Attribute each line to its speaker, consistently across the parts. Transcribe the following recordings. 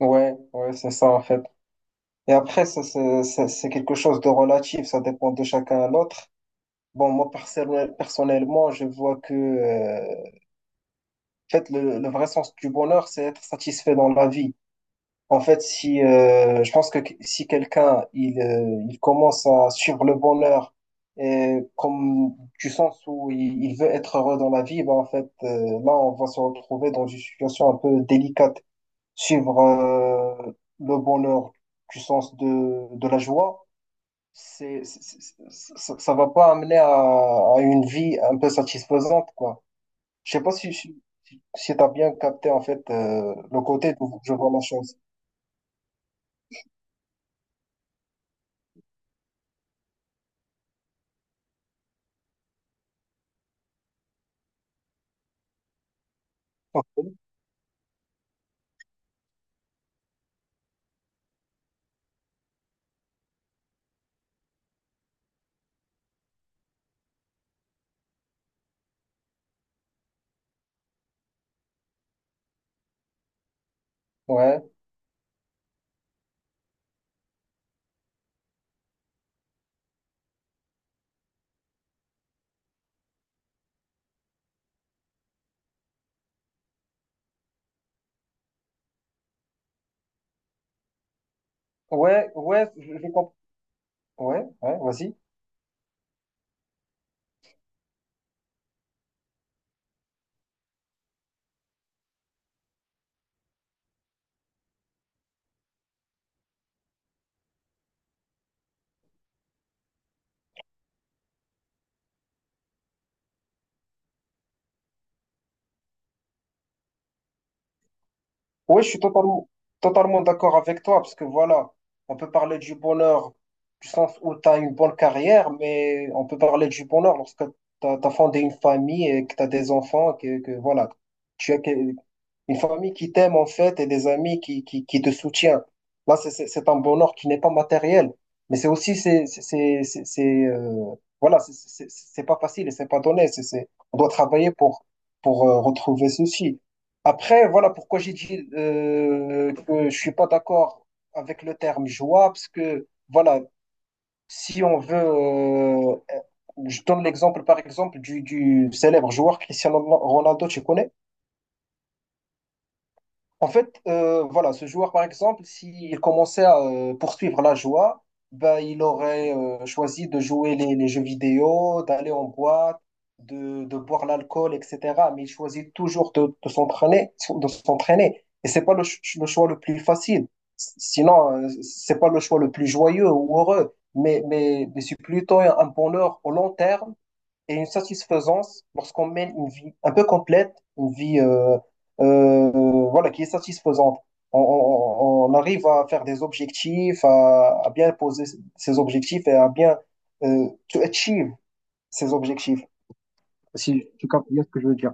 Speaker 1: Ouais, ouais, c'est ça en fait. Et après, ça, c'est quelque chose de relatif, ça dépend de chacun à l'autre. Bon, moi personnellement, je vois que en fait, le vrai sens du bonheur, c'est être satisfait dans la vie. En fait, si je pense que si quelqu'un il commence à suivre le bonheur et comme du sens où il veut être heureux dans la vie, ben en fait, là, on va se retrouver dans une situation un peu délicate. Suivre le bonheur du sens de la joie, c'est, c'est- ça, ça va pas amener à une vie un peu satisfaisante, quoi. Je sais pas si tu as bien capté, en fait, le côté d'où je vois la chose. Ouais, ouais, ouais, je comprends. Ouais, ouais, vas-y. Oui, je suis totalement, totalement d'accord avec toi, parce que voilà, on peut parler du bonheur du sens où tu as une bonne carrière, mais on peut parler du bonheur lorsque tu as fondé une famille et que tu as des enfants, que voilà, tu as que- une famille qui t'aime en fait et des amis qui te soutiennent. Là, c'est un bonheur qui n'est pas matériel, mais c'est aussi, voilà, c'est pas facile et c'est pas donné, on doit travailler pour, pour retrouver ceci. Après, voilà pourquoi j'ai dit que je suis pas d'accord avec le terme joie, parce que voilà, si on veut, je donne l'exemple par exemple du célèbre joueur Cristiano Ronaldo, tu connais? En fait, voilà, ce joueur, par exemple, s'il commençait à poursuivre la joie, ben, il aurait choisi de jouer les jeux vidéo, d'aller en boîte, de boire l'alcool, etc. Mais il choisit toujours de s'entraîner. Et c'est pas le choix le plus facile. Sinon, c'est pas le choix le plus joyeux ou heureux. Mais c'est plutôt un bonheur au long terme et une satisfaisance lorsqu'on mène une vie un peu complète, une vie euh, voilà, qui est satisfaisante. On arrive à faire des objectifs, à bien poser ses objectifs et à bien to achieve ses objectifs, si tu captes bien ce que je veux dire.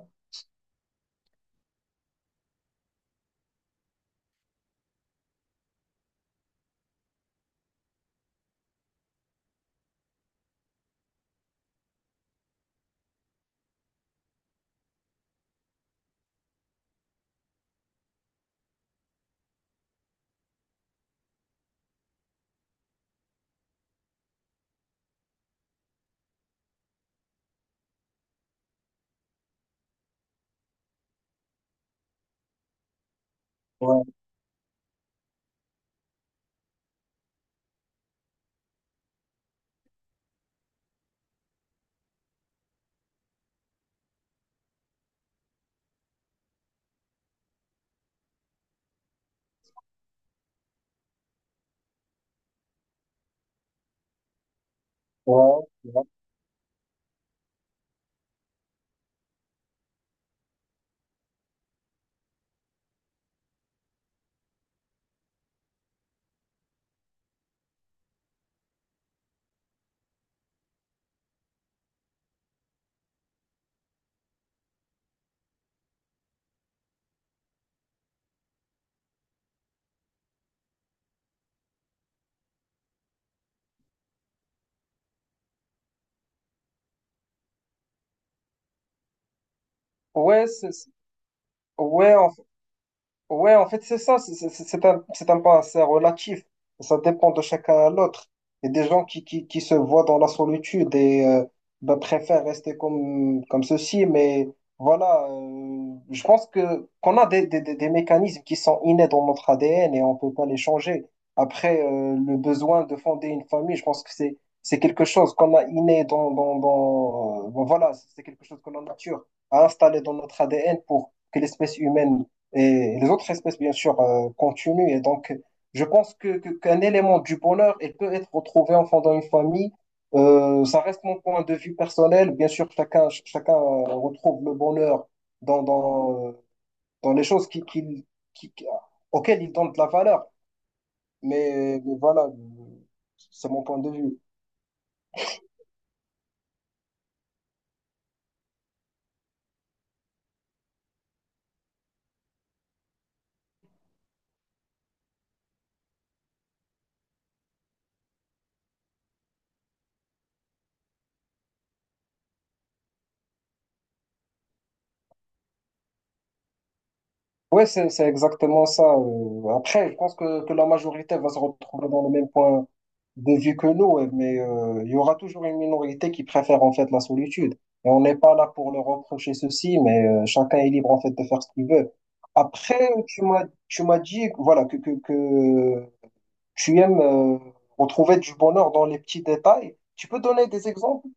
Speaker 1: Ouais, ouais, ouais. Ouais, ouais, en ouais, en fait, c'est ça, c'est un pas assez relatif. Ça dépend de chacun à l'autre. Il y a des gens qui se voient dans la solitude et ben, préfèrent rester comme ceci, mais voilà, je pense que qu'on a des mécanismes qui sont innés dans notre ADN et on peut pas les changer. Après, le besoin de fonder une famille, je pense que c'est quelque chose qu'on a inné dans, dans, dans bon, voilà, c'est quelque chose que la nature a installé dans notre ADN pour que l'espèce humaine et les autres espèces, bien sûr, continuent. Et donc, je pense qu'un élément du bonheur, il peut être retrouvé en fondant une famille. Ça reste mon point de vue personnel. Bien sûr, chacun retrouve le bonheur dans, dans, euh, dans les choses qui auxquelles il donne de la valeur. Mais voilà, c'est mon point de vue. Ouais, c'est exactement ça. Après, je pense que la majorité va se retrouver dans le même point de vue que nous, ouais, mais il y aura toujours une minorité qui préfère en fait la solitude. Et on n'est pas là pour leur reprocher ceci, mais chacun est libre en fait de faire ce qu'il veut. Après, tu m'as dit voilà, que tu aimes retrouver du bonheur dans les petits détails. Tu peux donner des exemples?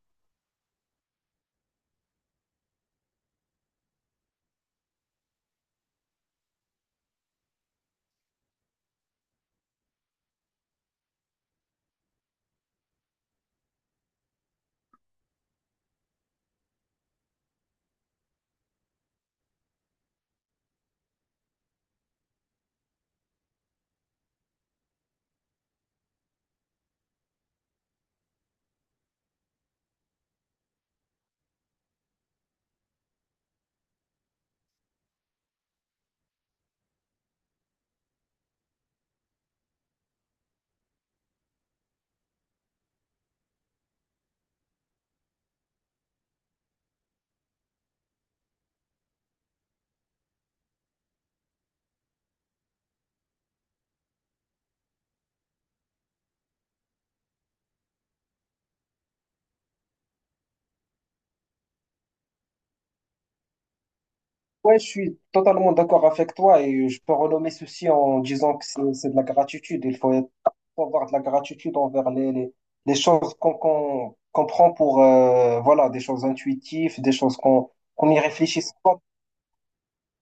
Speaker 1: Ouais, je suis totalement d'accord avec toi et je peux renommer ceci en disant que c'est de la gratitude. Il faut faut avoir de la gratitude envers les choses qu'on prend pour voilà, des choses intuitives, des choses qu'on n'y réfléchisse pas.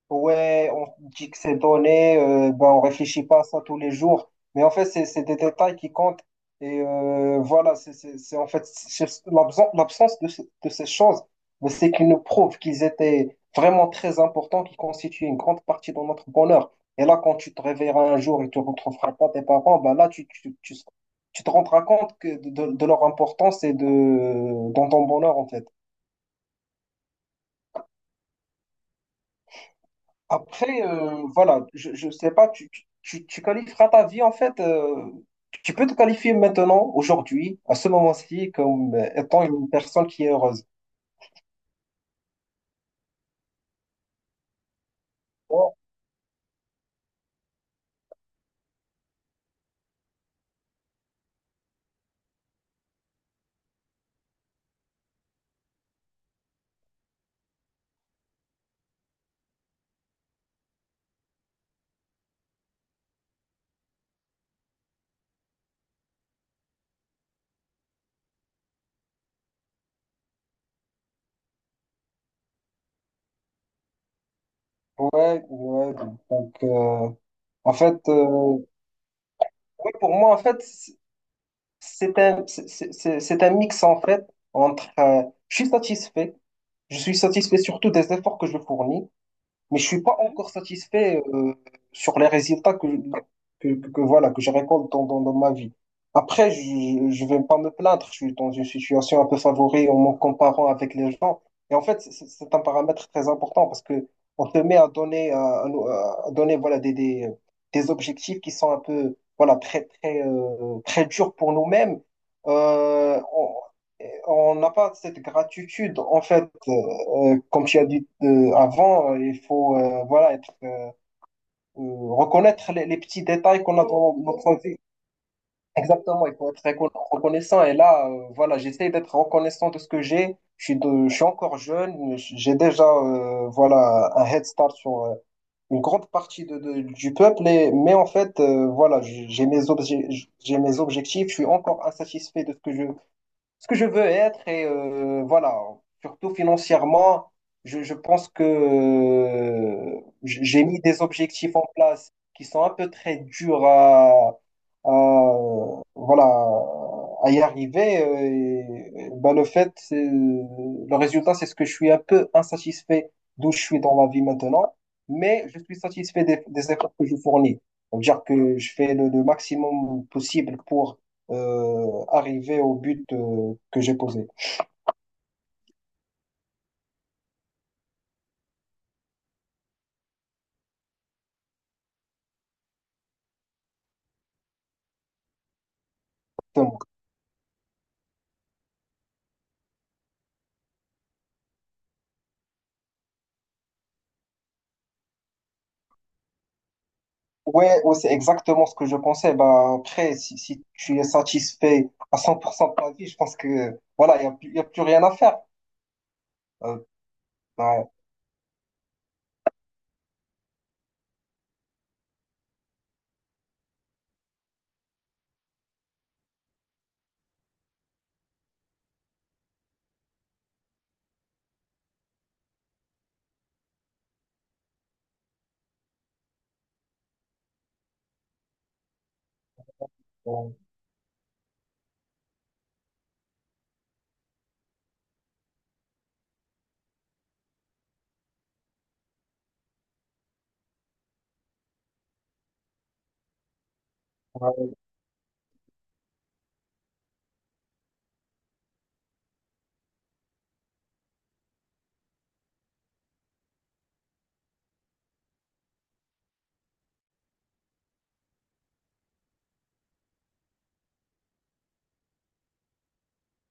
Speaker 1: Ouais, on dit que c'est donné, ben on réfléchit pas à ça tous les jours. Mais en fait, c'est des détails qui comptent. Et voilà, c'est en fait c'est l'absence de ces choses, mais c'est qu'ils nous prouvent qu'ils étaient vraiment très importants, qui constituaient une grande partie de notre bonheur. Et là, quand tu te réveilleras un jour et tu retrouveras pas tes parents, ben là, tu te rendras compte que de leur importance et dans ton bonheur, en fait. Après, voilà, je sais pas, tu qualifieras ta vie en fait. Tu peux te qualifier maintenant, aujourd'hui, à ce moment-ci, comme étant une personne qui est heureuse. Ouais, ouais. Ouais. Donc, en fait, ouais, pour moi, en fait, c'est un mix en fait entre je suis satisfait, je suis satisfait surtout des efforts que je fournis. Mais je suis pas encore satisfait sur les résultats que voilà que je récolte dans ma vie. Après, je vais pas me plaindre. Je suis dans une situation un peu favorée en me comparant avec les gens. Et en fait, c'est un paramètre très important parce que on te met à donner à donner voilà des objectifs qui sont un peu voilà très très très durs pour nous-mêmes. Euh, on on n'a pas cette gratitude en fait comme tu as dit avant, il faut voilà être euh, reconnaître les petits détails qu'on a dans notre vie. Exactement, il faut être reconnaissant. Et là, voilà, j'essaie d'être reconnaissant de ce que j'ai. Je suis encore jeune. J'ai déjà voilà un head start sur une grande partie du peuple. Mais en fait, voilà, j'ai mes objectifs. Je suis encore insatisfait de ce que je veux être et voilà, surtout financièrement, je pense que j'ai mis des objectifs en place qui sont un peu très durs à, voilà, à y arriver. Et, ben, le résultat, c'est ce que je suis un peu insatisfait d'où je suis dans la vie maintenant, mais je suis satisfait des efforts que je fournis. Donc, dire que je fais le maximum possible pour arriver au but que j'ai posé. Exactement. Ouais, ouais, c'est exactement ce que je pensais. Bah, après, si tu es satisfait à 100% de ta vie, je pense que voilà, il n'y a, y a plus rien à faire. Euh, bah,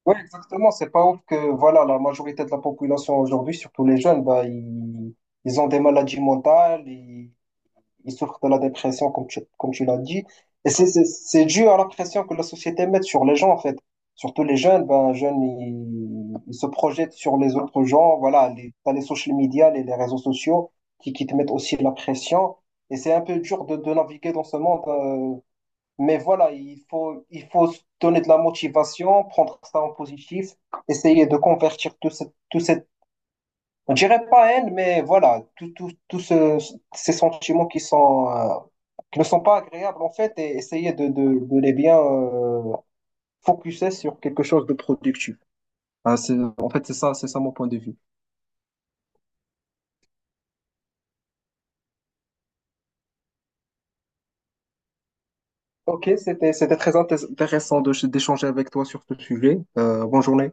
Speaker 1: oui, exactement. C'est pas ouf que voilà, la majorité de la population aujourd'hui, surtout les jeunes, bah, ils ont des maladies mentales, ils souffrent de la dépression, comme tu l'as dit. Et c'est dû à la pression que la société met sur les gens, en fait. Surtout les jeunes, ben, les jeunes, ils se projettent sur les autres gens. Voilà, t'as les social media, les réseaux sociaux qui te mettent aussi la pression. Et c'est un peu dur de naviguer dans ce monde. Mais voilà, il faut se donner de la motivation, prendre ça en positif, essayer de convertir tout cette, on dirait pas haine, mais voilà, ces sentiments qui sont, qui ne sont pas agréables en fait, et essayer de les bien focuser sur quelque chose de productif. Ah, en fait, c'est ça mon point de vue. Ok, c'était très intéressant d'échanger avec toi sur ce sujet. Bonne journée.